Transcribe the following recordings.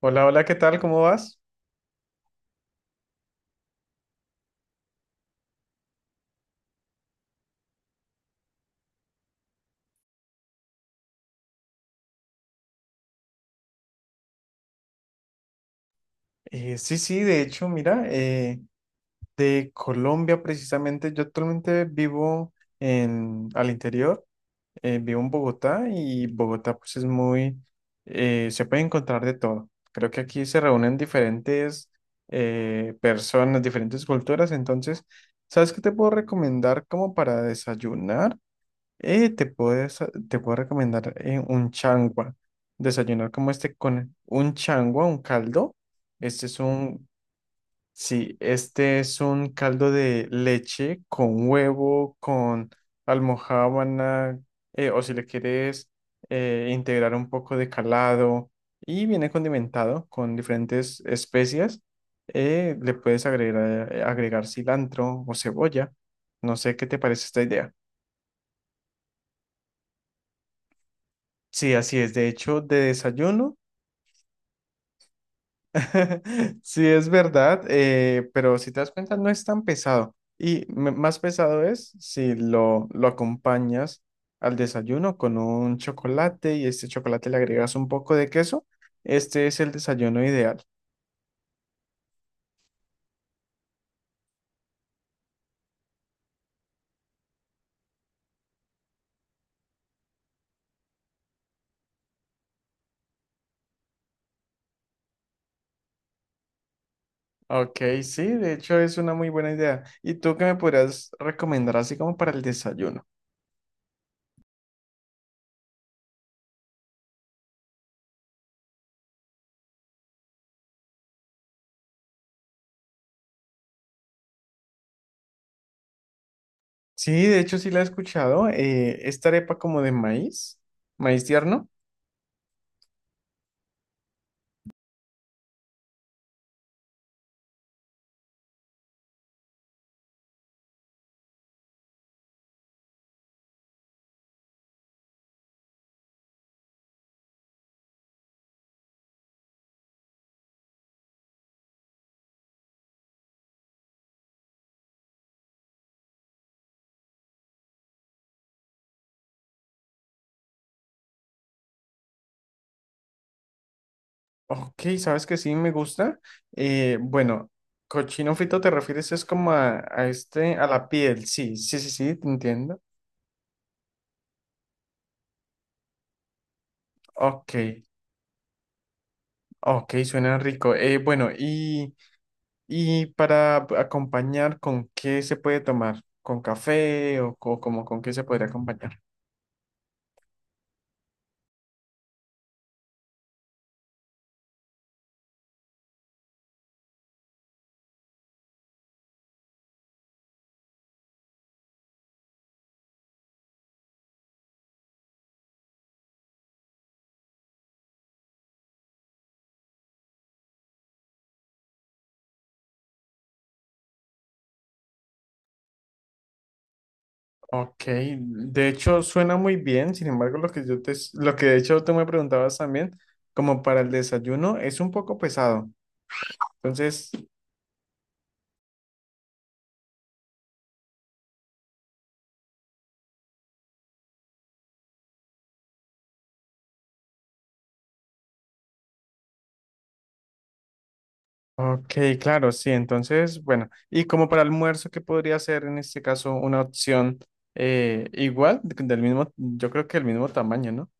Hola, hola, ¿qué tal? ¿Cómo vas? Sí, de hecho, mira, de Colombia precisamente, yo actualmente vivo en, al interior, vivo en Bogotá, y Bogotá pues es muy, se puede encontrar de todo. Creo que aquí se reúnen diferentes personas, diferentes culturas, entonces, ¿sabes qué te puedo recomendar como para desayunar? Eh, te puedes, te puedo recomendar un changua. Desayunar como este con un changua, un caldo. Este es un, sí, este es un caldo de leche con huevo, con almojábana, o si le quieres integrar un poco de calado. Y viene condimentado con diferentes especias. Le puedes agregar, agregar cilantro o cebolla. No sé qué te parece esta idea. Sí, así es. De hecho, de desayuno, sí es verdad, pero si te das cuenta, no es tan pesado. Más pesado es si lo acompañas al desayuno con un chocolate, y este chocolate le agregas un poco de queso. Este es el desayuno ideal. Ok, sí, de hecho es una muy buena idea. ¿Y tú qué me podrías recomendar así como para el desayuno? Sí, de hecho sí la he escuchado. Esta arepa como de maíz, maíz tierno. Ok, sabes que sí me gusta. Bueno, cochino frito te refieres es como a este, a la piel. Sí, sí, sí, sí, te entiendo. Ok, ok, suena rico. Bueno, y para acompañar, ¿con qué se puede tomar? ¿Con café o, como con qué se podría acompañar? Ok, de hecho suena muy bien. Sin embargo, lo que yo te, lo que de hecho tú me preguntabas también, como para el desayuno, es un poco pesado. Entonces, ok, claro, sí. Entonces, bueno, y como para almuerzo, ¿qué podría ser en este caso una opción igual, del mismo, yo creo que del mismo tamaño, ¿no?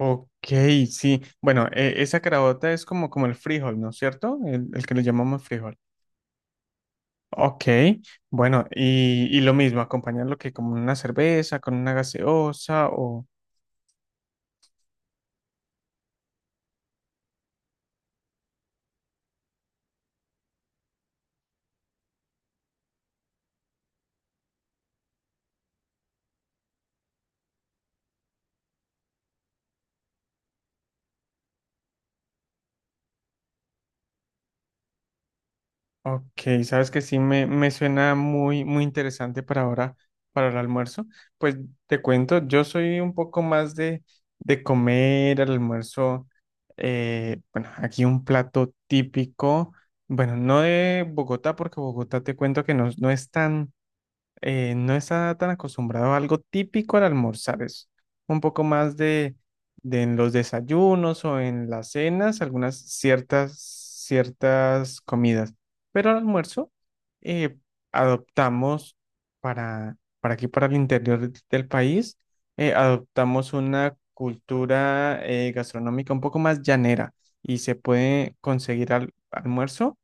Ok, sí. Bueno, esa carabota es como, como el frijol, ¿no es cierto? El que le llamamos frijol. Ok, bueno, y lo mismo, acompañarlo que como una cerveza, con una gaseosa. Ok, sabes que sí me suena muy, muy interesante para ahora, para el almuerzo. Pues te cuento, yo soy un poco más de comer al almuerzo. Bueno, aquí un plato típico, bueno, no de Bogotá, porque Bogotá te cuento que no, no es tan no está tan acostumbrado a algo típico al almorzar, es un poco más de en los desayunos o en las cenas, algunas ciertas, ciertas comidas. Pero al almuerzo eh, adoptamos para aquí, para el interior del país, adoptamos una cultura gastronómica un poco más llanera, y se puede conseguir almuerzo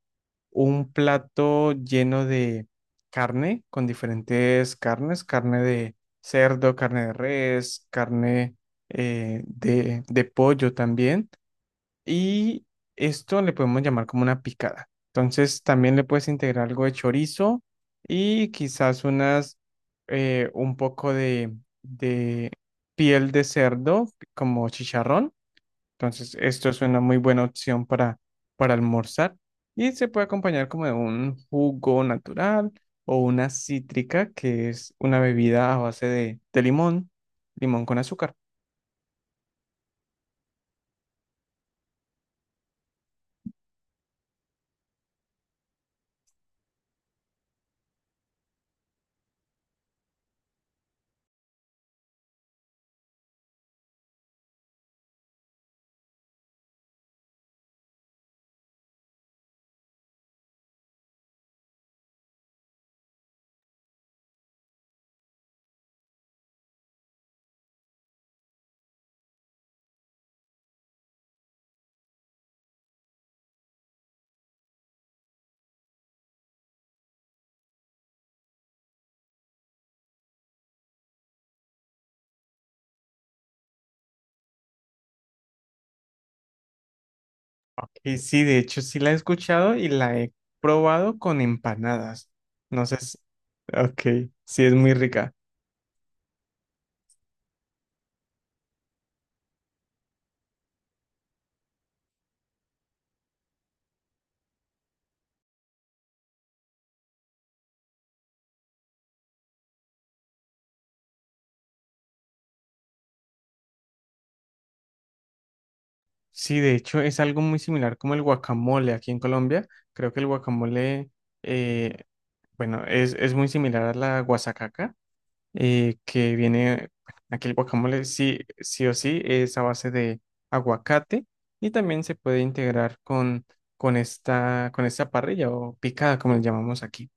un plato lleno de carne, con diferentes carnes, carne de cerdo, carne de res, carne de pollo también. Y esto le podemos llamar como una picada. Entonces también le puedes integrar algo de chorizo y quizás unas, un poco de piel de cerdo como chicharrón, entonces, esto es una muy buena opción para almorzar, y se puede acompañar como de un jugo natural o una cítrica, que es una bebida a base de limón, limón con azúcar. Y sí, de hecho, sí la he escuchado y la he probado con empanadas. No sé si- ok, sí es muy rica. Sí, de hecho, es algo muy similar como el guacamole aquí en Colombia. Creo que el guacamole, eh, bueno, es muy similar a la guasacaca que viene, aquí el guacamole sí, sí o sí es a base de aguacate, y también se puede integrar con esta parrilla o picada, como le llamamos aquí.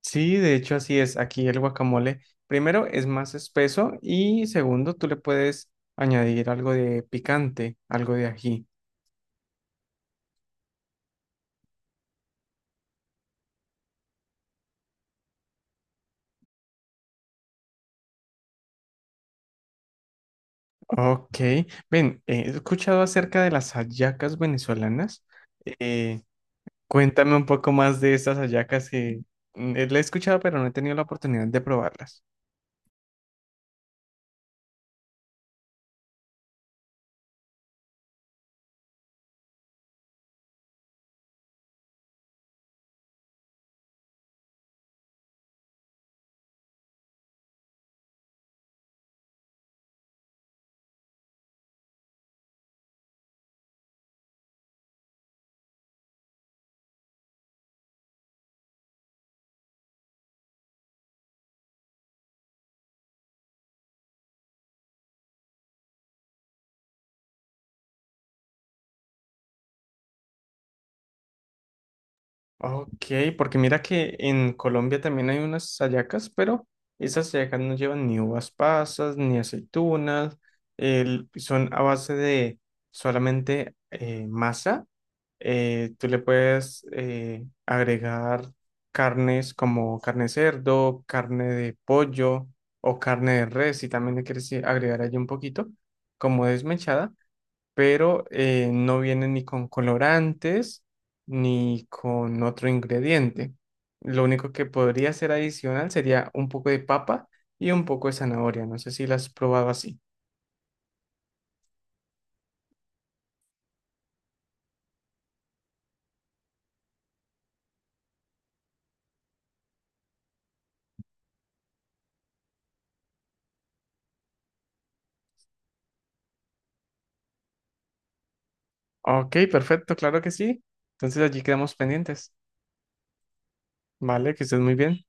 Sí, de hecho así es, aquí el guacamole primero es más espeso y segundo tú le puedes añadir algo de picante, algo de ají. Ok, ven, he escuchado acerca de las hallacas venezolanas. eh, Cuéntame un poco más de estas hallacas que la he escuchado, pero no he tenido la oportunidad de probarlas. Ok, porque mira que en Colombia también hay unas hallacas, pero esas hallacas no llevan ni uvas pasas, ni aceitunas, son a base de solamente masa. Tú le puedes agregar carnes como carne de cerdo, carne de pollo o carne de res, si también le quieres agregar allí un poquito, como desmechada, pero no viene ni con colorantes ni con otro ingrediente. Lo único que podría ser adicional sería un poco de papa y un poco de zanahoria. No sé si las has probado así. Ok, perfecto, claro que sí. Entonces allí quedamos pendientes. Vale, que estés muy bien.